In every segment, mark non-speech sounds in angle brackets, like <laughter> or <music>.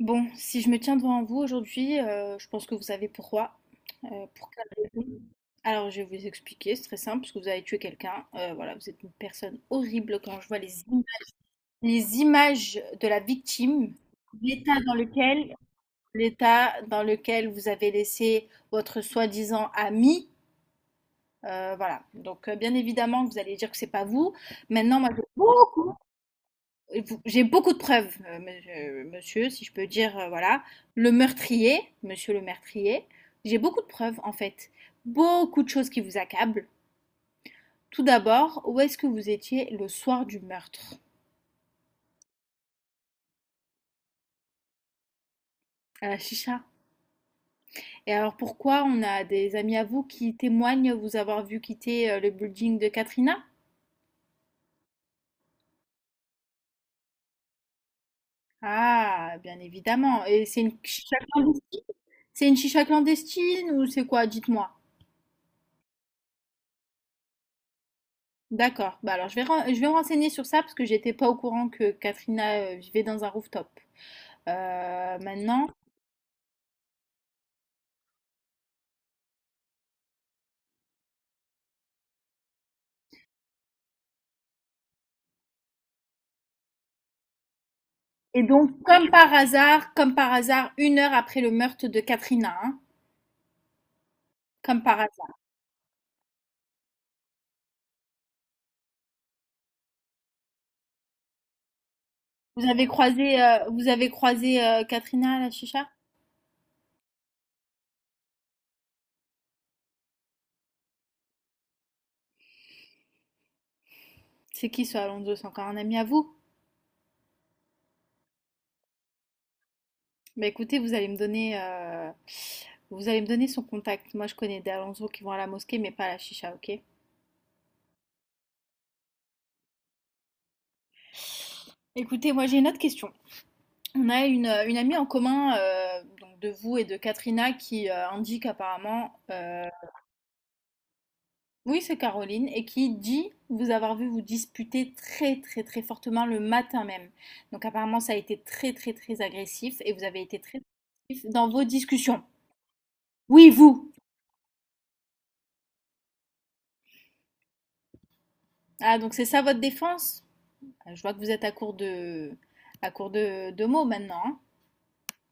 Bon, si je me tiens devant vous aujourd'hui, je pense que vous savez pourquoi. Heu, pour quelle raison? Alors je vais vous expliquer, c'est très simple, parce que vous avez tué quelqu'un. Voilà, vous êtes une personne horrible quand je vois les images de la victime, l'état dans lequel l'état dans lequel vous avez laissé votre soi-disant ami. Voilà, donc bien évidemment que vous allez dire que c'est pas vous. Maintenant moi j'ai beaucoup de preuves, monsieur, si je peux dire, voilà. Le meurtrier, monsieur le meurtrier, j'ai beaucoup de preuves en fait. Beaucoup de choses qui vous accablent. Tout d'abord, où est-ce que vous étiez le soir du meurtre? À la chicha. Et alors pourquoi on a des amis à vous qui témoignent vous avoir vu quitter le building de Katrina? Ah, bien évidemment. Et c'est une chicha clandestine? C'est une chicha clandestine ou c'est quoi? Dites-moi. D'accord. Bah, alors je vais me renseigner sur ça parce que j'étais pas au courant que Katrina vivait dans un rooftop. Maintenant. Et donc, comme par hasard, une heure après le meurtre de Katrina, hein, comme par hasard. Vous avez croisé Katrina à la chicha? C'est qui ce Alonso? C'est encore un ami à vous? Bah écoutez, vous allez me donner son contact. Moi, je connais des Alonso qui vont à la mosquée, mais pas à la chicha, ok? Écoutez, moi j'ai une autre question. On a une amie en commun donc de vous et de Katrina qui indique apparemment, oui c'est Caroline, et qui dit vous avoir vu vous disputer très très très fortement le matin même. Donc apparemment ça a été très très très agressif et vous avez été très agressif dans vos discussions. Oui, vous. Ah donc c'est ça votre défense? Ah, je vois que vous êtes à court de mots maintenant, hein.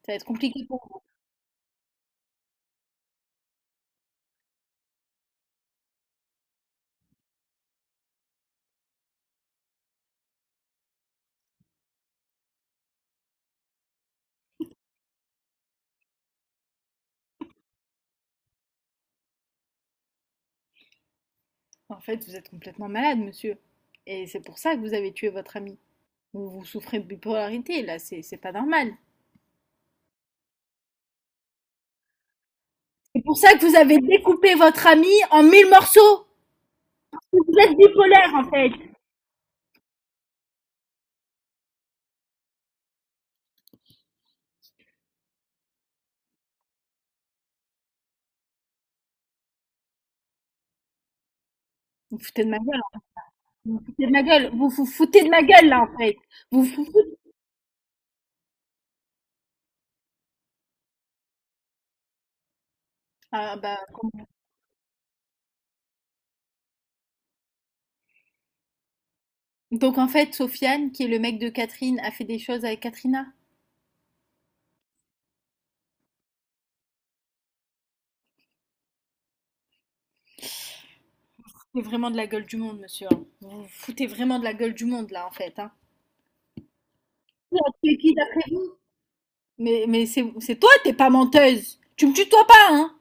Ça va être compliqué pour vous. En fait, vous êtes complètement malade, monsieur. Et c'est pour ça que vous avez tué votre ami. Vous souffrez de bipolarité, là, c'est pas normal. C'est pour ça que vous avez découpé votre ami en mille morceaux. Vous êtes bipolaire, en fait. Vous vous foutez de ma gueule, hein. Vous vous foutez de ma gueule. Vous vous foutez de ma gueule, là, en fait. Vous vous foutez. Ah, bah, donc, en fait, Sofiane, qui est le mec de Catherine, a fait des choses avec Katrina. Vous foutez vraiment de la gueule du monde, monsieur, hein. Vous vous foutez vraiment de la gueule du monde, là, en fait, hein. Qui a tué qui, d'après vous? Mais c'est toi, t'es pas menteuse. Tu me tutoies pas, hein.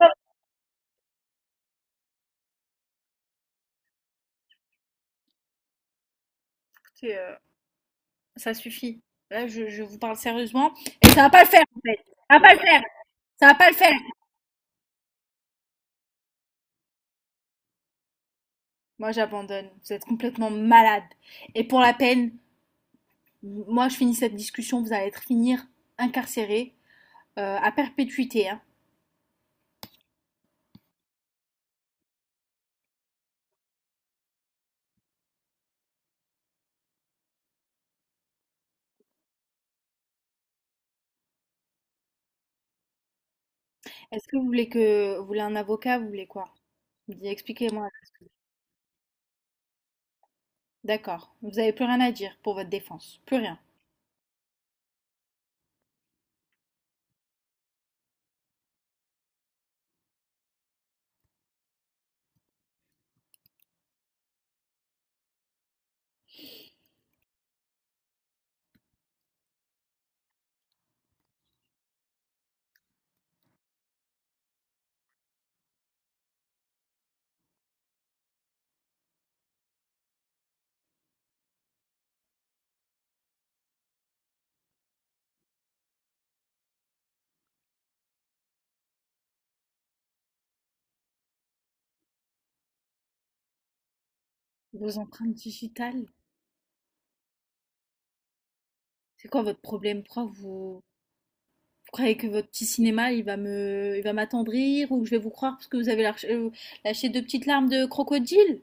Ah, écoutez, ça suffit. Là, je vous parle sérieusement. Et ça va pas le faire, en fait. Ça va pas le faire. Ça va pas le faire. Moi, j'abandonne. Vous êtes complètement malade. Et pour la peine, moi, je finis cette discussion. Vous allez être finir incarcéré à perpétuité, hein. Est-ce que vous voulez un avocat? Vous voulez quoi? Vous dites, expliquez-moi. D'accord. Vous avez plus rien à dire pour votre défense. Plus rien. Vos empreintes digitales. C'est quoi votre problème? Pourquoi vous? Vous croyez que votre petit cinéma, il va m'attendrir ou que je vais vous croire parce que vous avez lâché deux petites larmes de crocodile?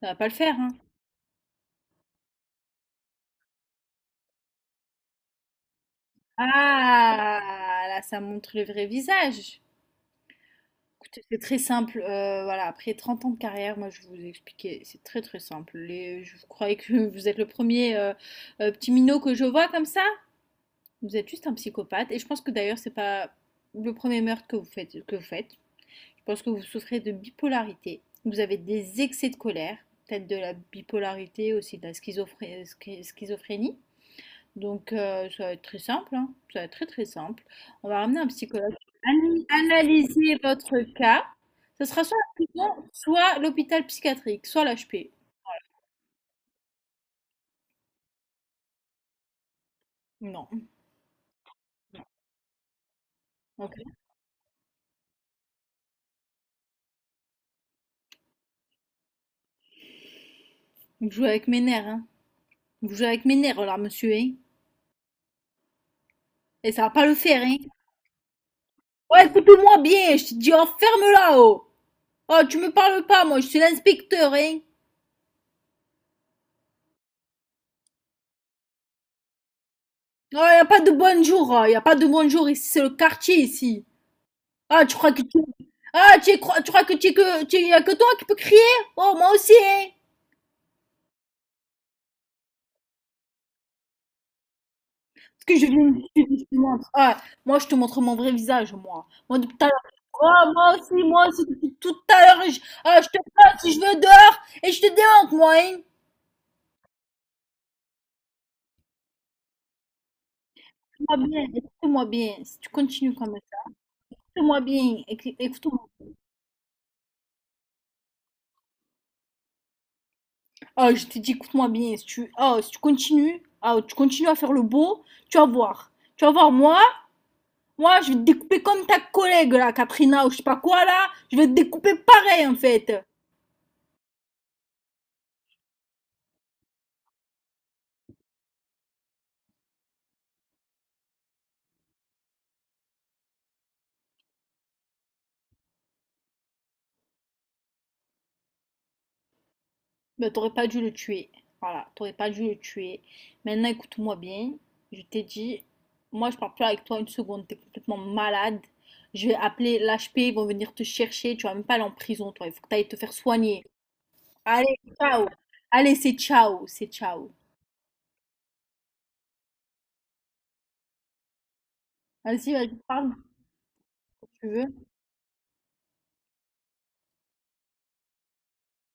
Ça va pas le faire, hein. Ah, là, ça montre le vrai visage. Écoutez, c'est très simple. Voilà, après 30 ans de carrière, moi, je vous ai expliqué, c'est très très simple. Les, je vous croyais que <laughs> vous êtes le premier petit minot que je vois comme ça. Vous êtes juste un psychopathe. Et je pense que d'ailleurs, c'est pas le premier meurtre que vous faites, parce que vous souffrez de bipolarité, vous avez des excès de colère, peut-être de la bipolarité aussi, de la schizophrénie. Donc ça va être très simple, hein, ça va être très très simple. On va ramener un psychologue analyser votre cas. Ce sera soit la prison, soit l'hôpital psychiatrique, soit l'HP. Non. Non. Ok. Vous jouez avec mes nerfs, hein. Vous jouez avec mes nerfs, là, monsieur, hein. Et ça va pas le faire, hein. Ouais, écoute-moi bien, je te dis, enferme là-haut. Oh, tu me parles pas, moi, je suis l'inspecteur, hein. Ah, y a pas de bonjour, hein. Y a pas de bonjour ici, c'est le quartier ici. Ah, tu crois que tu, ah, tu crois que tu y a que toi qui peux crier? Oh, moi aussi, hein. Est que je viens, je te montre. Ah, moi, je te montre mon vrai visage, moi. Moi, depuis tout à l'heure. Oh, moi aussi, depuis tout à l'heure, ah, je te parle si je veux dehors et je te démontre, moi, hein. Écoute-moi bien, écoute-moi bien. Si tu continues comme ça, écoute-moi bien, écoute-moi. Ah, je te dis, écoute-moi bien, si tu, ah, si tu continues, ah, tu continues à faire le beau, tu vas voir. Tu vas voir, moi, je vais te découper comme ta collègue, là, Katrina, ou je sais pas quoi, là. Je vais te découper pareil, en fait. Ben, t'aurais pas dû le tuer. Voilà, t'aurais pas dû le tuer. Maintenant, écoute-moi bien. Je t'ai dit, moi, je parle plus avec toi une seconde. T'es complètement malade. Je vais appeler l'HP, ils vont venir te chercher. Tu vas même pas aller en prison, toi. Il faut que t'ailles te faire soigner. Allez, ciao. Allez, c'est ciao, c'est ciao. Vas-y, vas-y, parle. Si tu veux.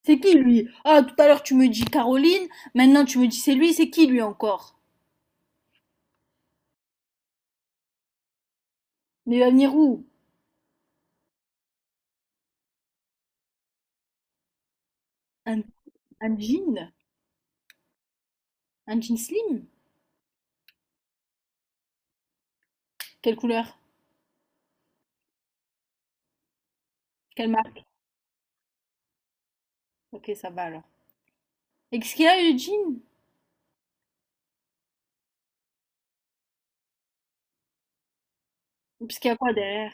C'est qui lui? Ah, tout à l'heure tu me dis Caroline, maintenant tu me dis c'est lui, c'est qui lui encore? Mais il va venir où? Un, un jean? Un jean slim? Quelle couleur? Quelle marque? Ok, ça va alors. Et qu'est-ce qu'il a le jean? Parce qu'il y a quoi derrière?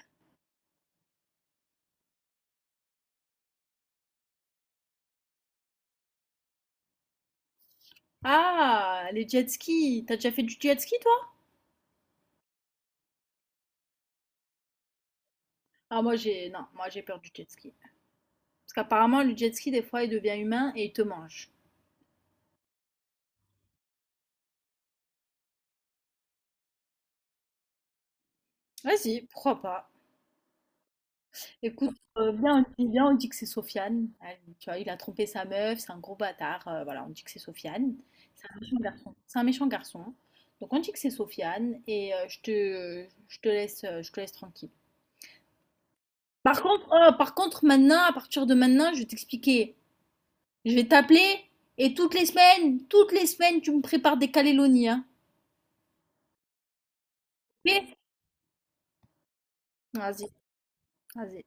Ah, les jet skis. T'as déjà fait du jet ski toi? Ah, moi j'ai. Non, moi j'ai peur du jet ski. Parce qu'apparemment le jet ski des fois il devient humain et il te mange. Vas-y, pourquoi pas? Écoute, viens, on dit que c'est Sofiane. Allez, tu vois, il a trompé sa meuf, c'est un gros bâtard. Voilà, on dit que c'est Sofiane. C'est un méchant garçon. C'est un méchant garçon. Donc on dit que c'est Sofiane et je te laisse tranquille. Par contre, oh, par contre, maintenant, à partir de maintenant, je vais t'expliquer. Je vais t'appeler et toutes les semaines, tu me prépares des calélonies, hein. Ok. Vas-y, vas-y.